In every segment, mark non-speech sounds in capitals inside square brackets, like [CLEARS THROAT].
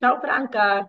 Ciao Franca,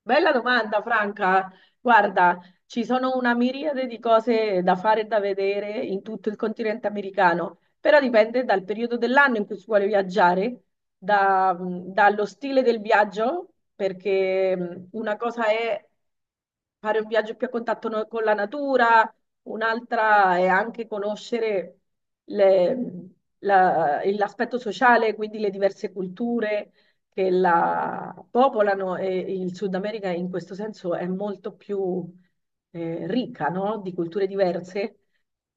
bella domanda Franca. Guarda, ci sono una miriade di cose da fare e da vedere in tutto il continente americano, però dipende dal periodo dell'anno in cui si vuole viaggiare, dallo stile del viaggio, perché una cosa è fare un viaggio più a contatto con la natura, un'altra è anche conoscere le- l'aspetto sociale, quindi le diverse culture che la popolano e il Sud America in questo senso è molto più ricca, no? Di culture diverse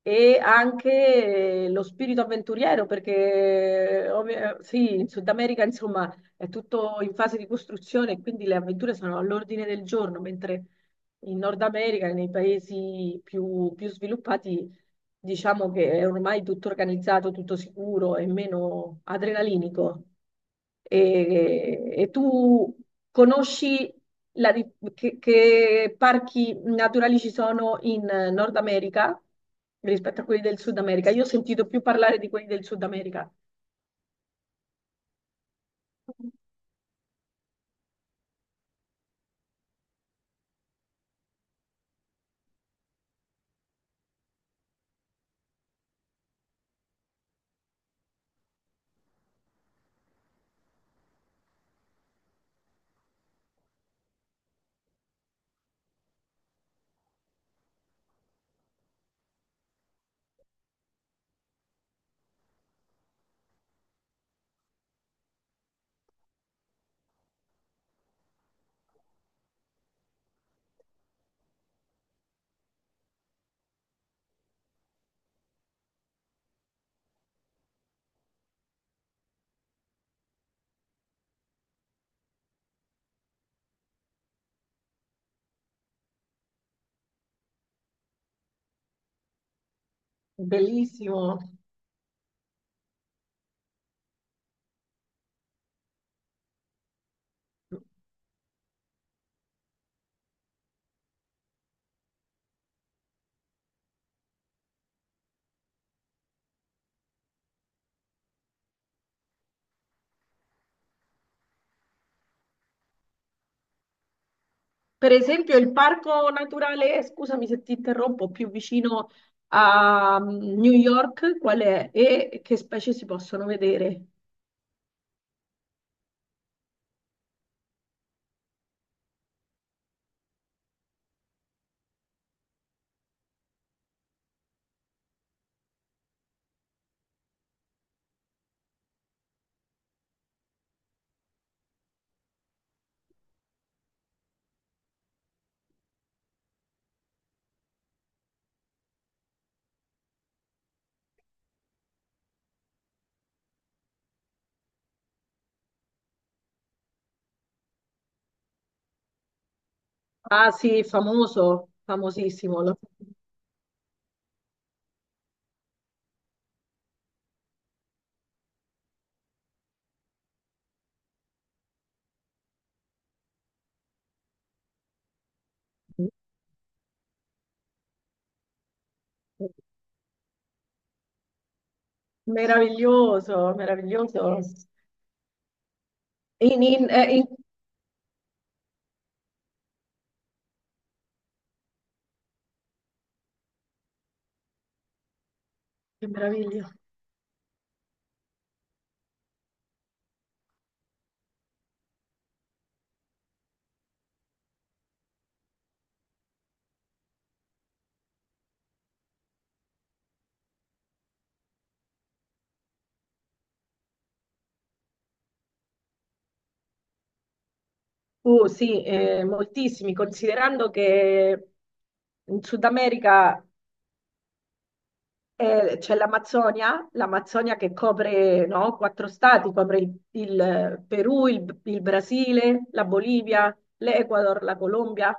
e anche lo spirito avventuriero, perché sì, in Sud America insomma è tutto in fase di costruzione, quindi le avventure sono all'ordine del giorno, mentre in Nord America, nei paesi più sviluppati, diciamo che è ormai tutto organizzato, tutto sicuro e meno adrenalinico. E tu conosci la di- che parchi naturali ci sono in Nord America rispetto a quelli del Sud America? Io ho sentito più parlare di quelli del Sud America. Bellissimo. Per esempio, il parco naturale, scusami se ti interrompo, più vicino a New York, qual è? E che specie si possono vedere? Ah sì, famoso, famosissimo. [LAUGHS] Meraviglioso, meraviglioso. In- in- eh, in- Che meraviglia. Sì, moltissimi, considerando che in Sud America. C'è l'Amazzonia, l'Amazzonia che copre, no, quattro stati, copre il Perù, il Brasile, la Bolivia, l'Ecuador, la Colombia,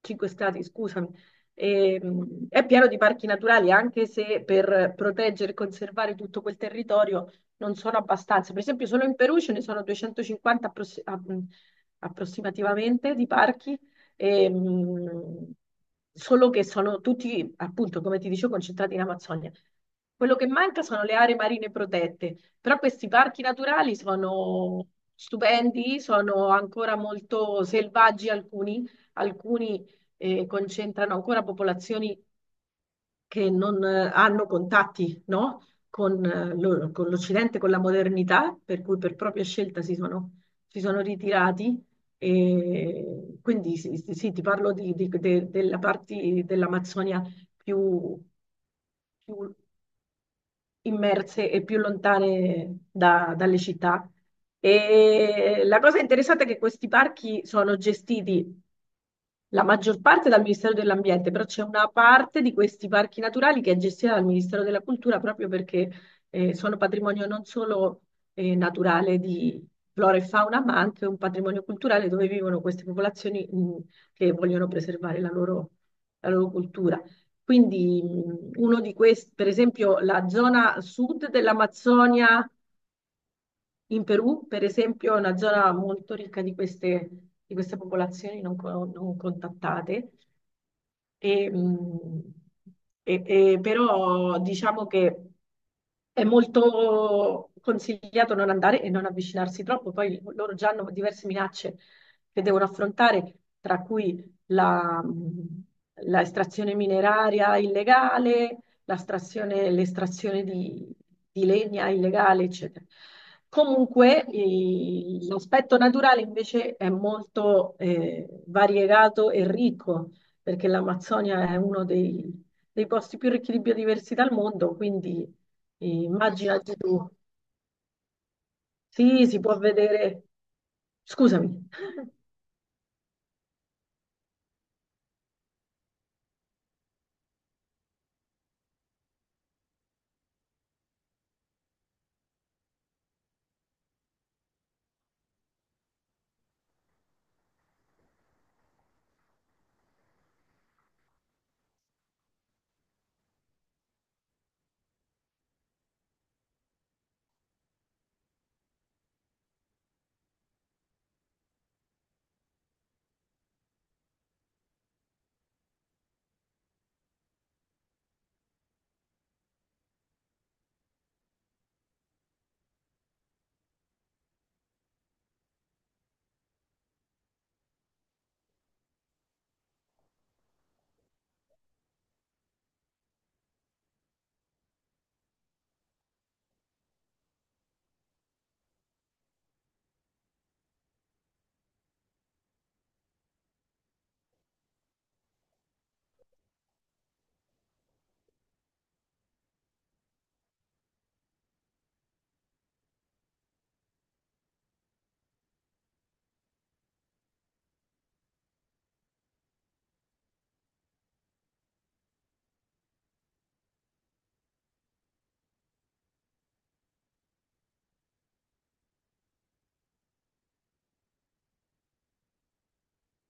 cinque stati, scusami. E, è pieno di parchi naturali, anche se per proteggere e conservare tutto quel territorio non sono abbastanza. Per esempio, solo in Perù ce ne sono 250 approssimativamente di parchi e, solo che sono tutti, appunto, come ti dicevo, concentrati in Amazzonia. Quello che manca sono le aree marine protette, però questi parchi naturali sono stupendi, sono ancora molto selvaggi alcuni, alcuni concentrano ancora popolazioni che non hanno contatti, no? Con con l'Occidente, con la modernità, per cui per propria scelta si sono ritirati. E quindi sì, sì, sì, ti parlo della parte dell'Amazzonia più, più immerse e più lontane dalle città. E la cosa interessante è che questi parchi sono gestiti la maggior parte dal Ministero dell'Ambiente, però c'è una parte di questi parchi naturali che è gestita dal Ministero della Cultura proprio perché sono patrimonio non solo naturale di flora e fauna, ma anche un patrimonio culturale dove vivono queste popolazioni che vogliono preservare la loro cultura. Quindi uno di questi, per esempio, la zona sud dell'Amazzonia in Perù, per esempio, è una zona molto ricca di queste popolazioni non contattate e, e- però diciamo che è molto consigliato non andare e non avvicinarsi troppo, poi loro già hanno diverse minacce che devono affrontare, tra cui la estrazione mineraria illegale, l'estrazione di, legna illegale, eccetera. Comunque, l'aspetto naturale invece è molto variegato e ricco perché l'Amazzonia è uno dei posti più ricchi di biodiversità al mondo, quindi immaginati tu. Sì, si può vedere, scusami,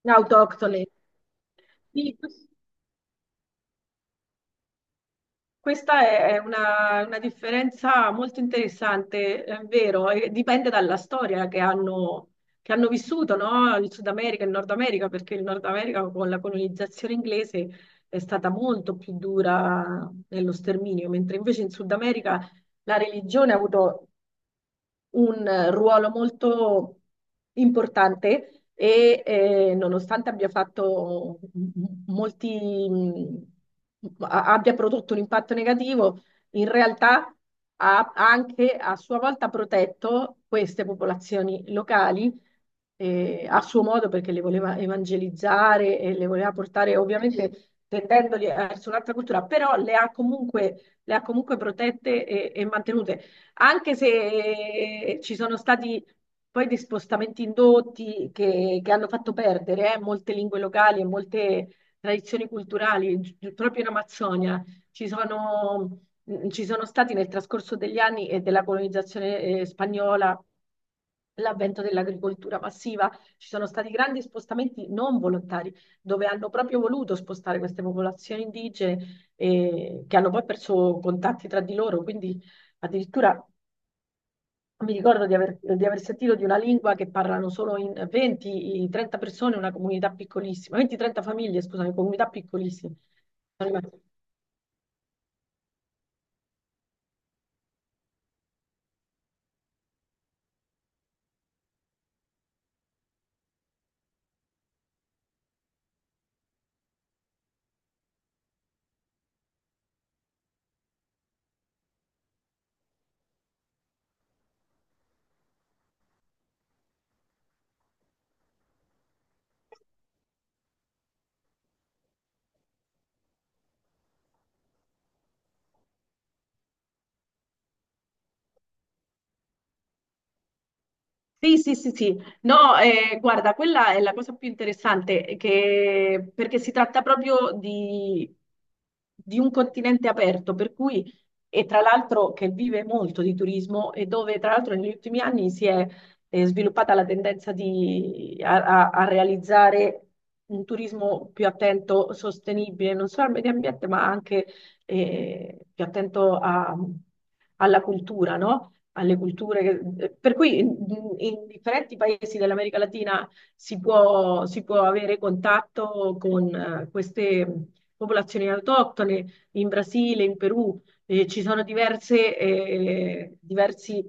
[LAUGHS] autoctone. Sì, questa è una differenza molto interessante, è vero, e dipende dalla storia che hanno vissuto, no? Il Sud America e il Nord America, perché il Nord America con la colonizzazione inglese è stata molto più dura nello sterminio, mentre invece in Sud America la religione ha avuto un ruolo molto importante e nonostante abbia fatto molti, abbia prodotto un impatto negativo, in realtà ha anche a sua volta protetto queste popolazioni locali a suo modo perché le voleva evangelizzare e le voleva portare ovviamente tendendoli verso un'altra cultura, però le ha comunque protette e mantenute anche se ci sono stati poi dei spostamenti indotti che hanno fatto perdere molte lingue locali e molte tradizioni culturali, proprio in Amazzonia. Ci sono stati nel trascorso degli anni e della colonizzazione spagnola. L'avvento dell'agricoltura passiva, ci sono stati grandi spostamenti non volontari, dove hanno proprio voluto spostare queste popolazioni indigene che hanno poi perso contatti tra di loro, quindi addirittura mi ricordo di aver sentito di una lingua che parlano solo in 20-30 persone, una comunità piccolissima, 20-30 famiglie, scusami, comunità piccolissime. Sì, sì, sì, sì. No, guarda, quella è la cosa più interessante, perché si tratta proprio di un continente aperto, per cui, e tra l'altro che vive molto di turismo e dove tra l'altro negli ultimi anni si è sviluppata la tendenza a realizzare un turismo più attento, sostenibile, non solo al medio ambiente, ma anche più attento alla cultura, no? Alle culture, per cui in differenti paesi dell'America Latina si può avere contatto con queste popolazioni autoctone, in Brasile, in Perù, ci sono diverse, eh, diversi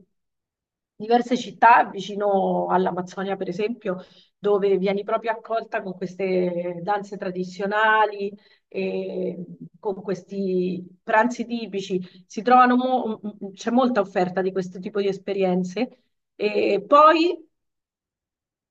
diverse città vicino all'Amazzonia, per esempio, dove vieni proprio accolta con queste danze tradizionali, e con questi pranzi tipici si trovano c'è molta offerta di questo tipo di esperienze. E poi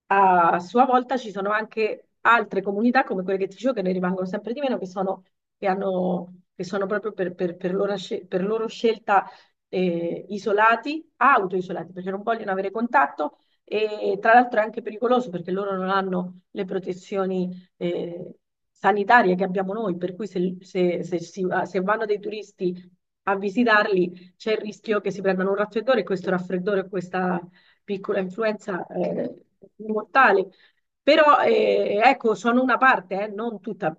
a sua volta ci sono anche altre comunità come quelle che ti dicevo che ne rimangono sempre di meno, che sono, che hanno, che sono proprio per loro scelta isolati, autoisolati, perché non vogliono avere contatto e tra l'altro è anche pericoloso perché loro non hanno le protezioni eh, sanitarie che abbiamo noi, per cui se vanno dei turisti a visitarli c'è il rischio che si prendano un raffreddore e questo raffreddore o piccola influenza mortale. Però ecco, sono una parte, non tutta.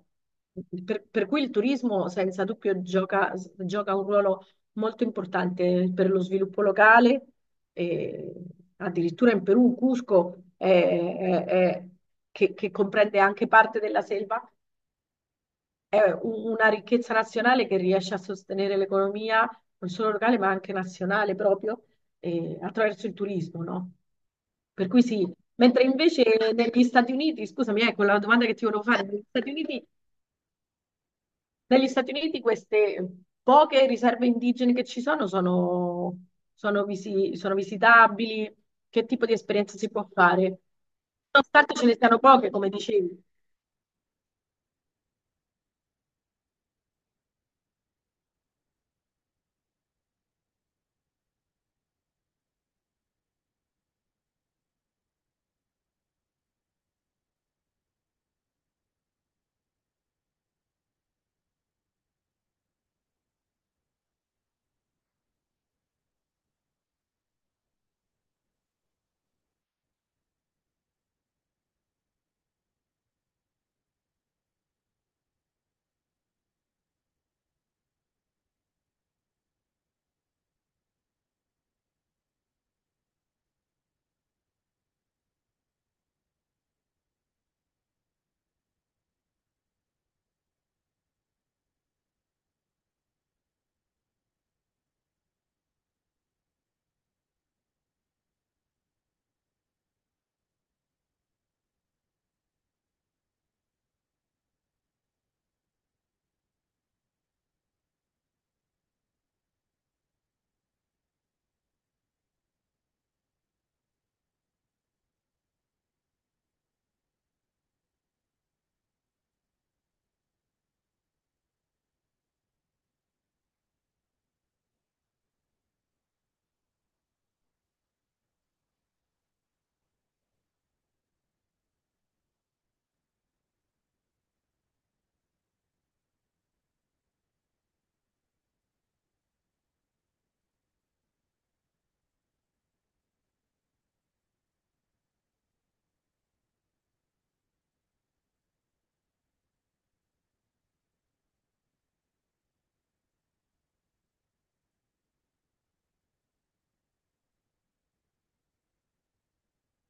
Per cui il turismo senza dubbio gioca un ruolo molto importante per lo sviluppo locale. E addirittura in Perù, Cusco, che comprende anche parte della selva, è una ricchezza nazionale che riesce a sostenere l'economia non solo locale ma anche nazionale proprio attraverso il turismo, no? Per cui sì, mentre invece negli Stati Uniti, scusami, ecco la domanda che ti volevo fare, negli Stati Uniti queste poche riserve indigene che ci sono sono, sono visitabili, che tipo di esperienza si può fare? Nonostante ce ne siano poche, come dicevi.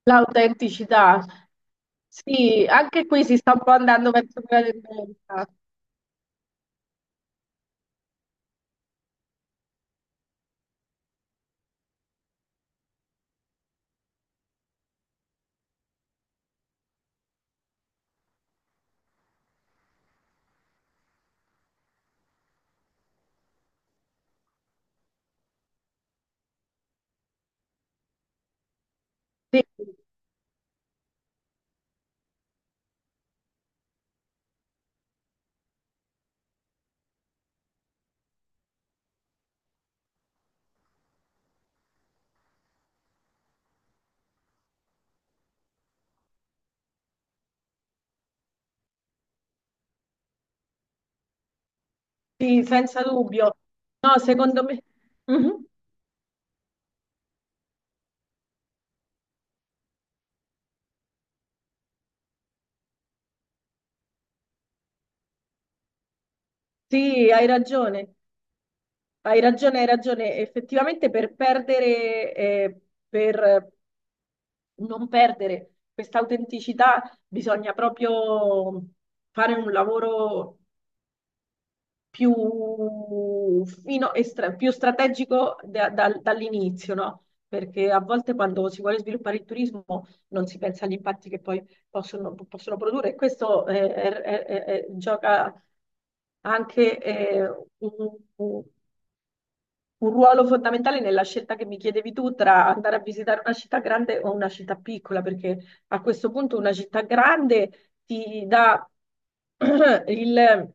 L'autenticità. Sì, anche qui si sta un po' andando verso quella tendenza. Sì, sì, senza dubbio. No, secondo me. Mhm. Sì, hai ragione. Hai ragione, hai ragione. Effettivamente per non perdere questa autenticità bisogna proprio fare un lavoro più, più strategico dall'inizio, no? Perché a volte quando si vuole sviluppare il turismo non si pensa agli impatti che poi possono produrre e questo gioca anche un, un- un ruolo fondamentale nella scelta che mi chiedevi tu tra andare a visitare una città grande o una città piccola, perché a questo punto una città grande ti dà [CLEARS THROAT] il,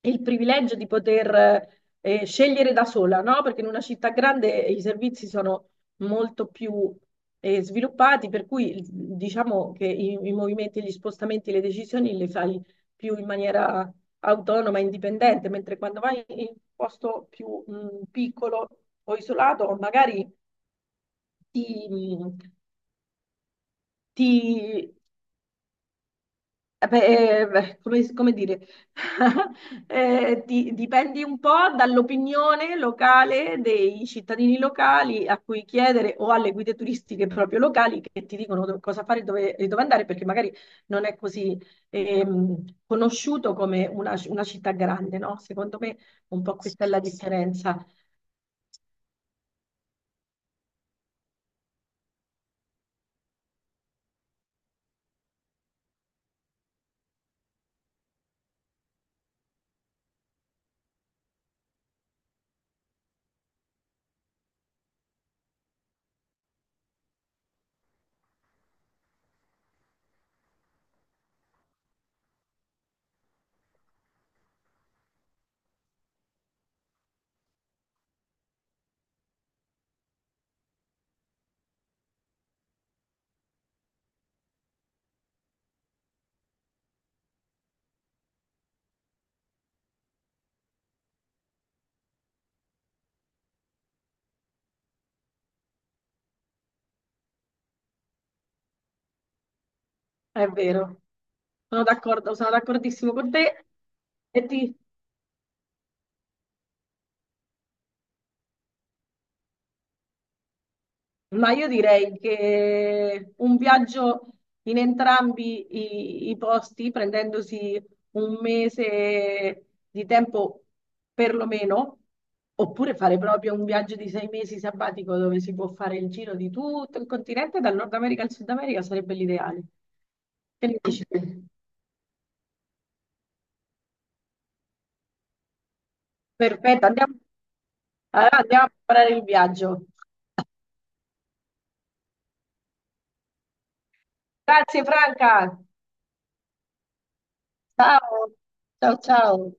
il privilegio di poter scegliere da sola, no? Perché in una città grande i servizi sono molto più sviluppati, per cui diciamo che i movimenti, gli spostamenti, le decisioni le fai più in maniera autonoma e indipendente, mentre quando vai in un posto più piccolo o isolato, magari ti, mm, ti beh, beh, come dire, [LAUGHS] dipendi un po' dall'opinione locale dei cittadini locali a cui chiedere o alle guide turistiche proprio locali che ti dicono cosa fare e dove andare, perché magari non è così conosciuto come una città grande, no? Secondo me un po' questa è la differenza. È vero, sono d'accordo, sono d'accordissimo con te. E ti- ma io direi che un viaggio in entrambi i posti, prendendosi 1 mese di tempo perlomeno, oppure fare proprio un viaggio di 6 mesi sabbatico dove si può fare il giro di tutto il continente, dal Nord America al Sud America, sarebbe l'ideale. Che ne dici? Perfetto, andiamo, allora andiamo a preparare il viaggio. Grazie Franca. Ciao, ciao, ciao.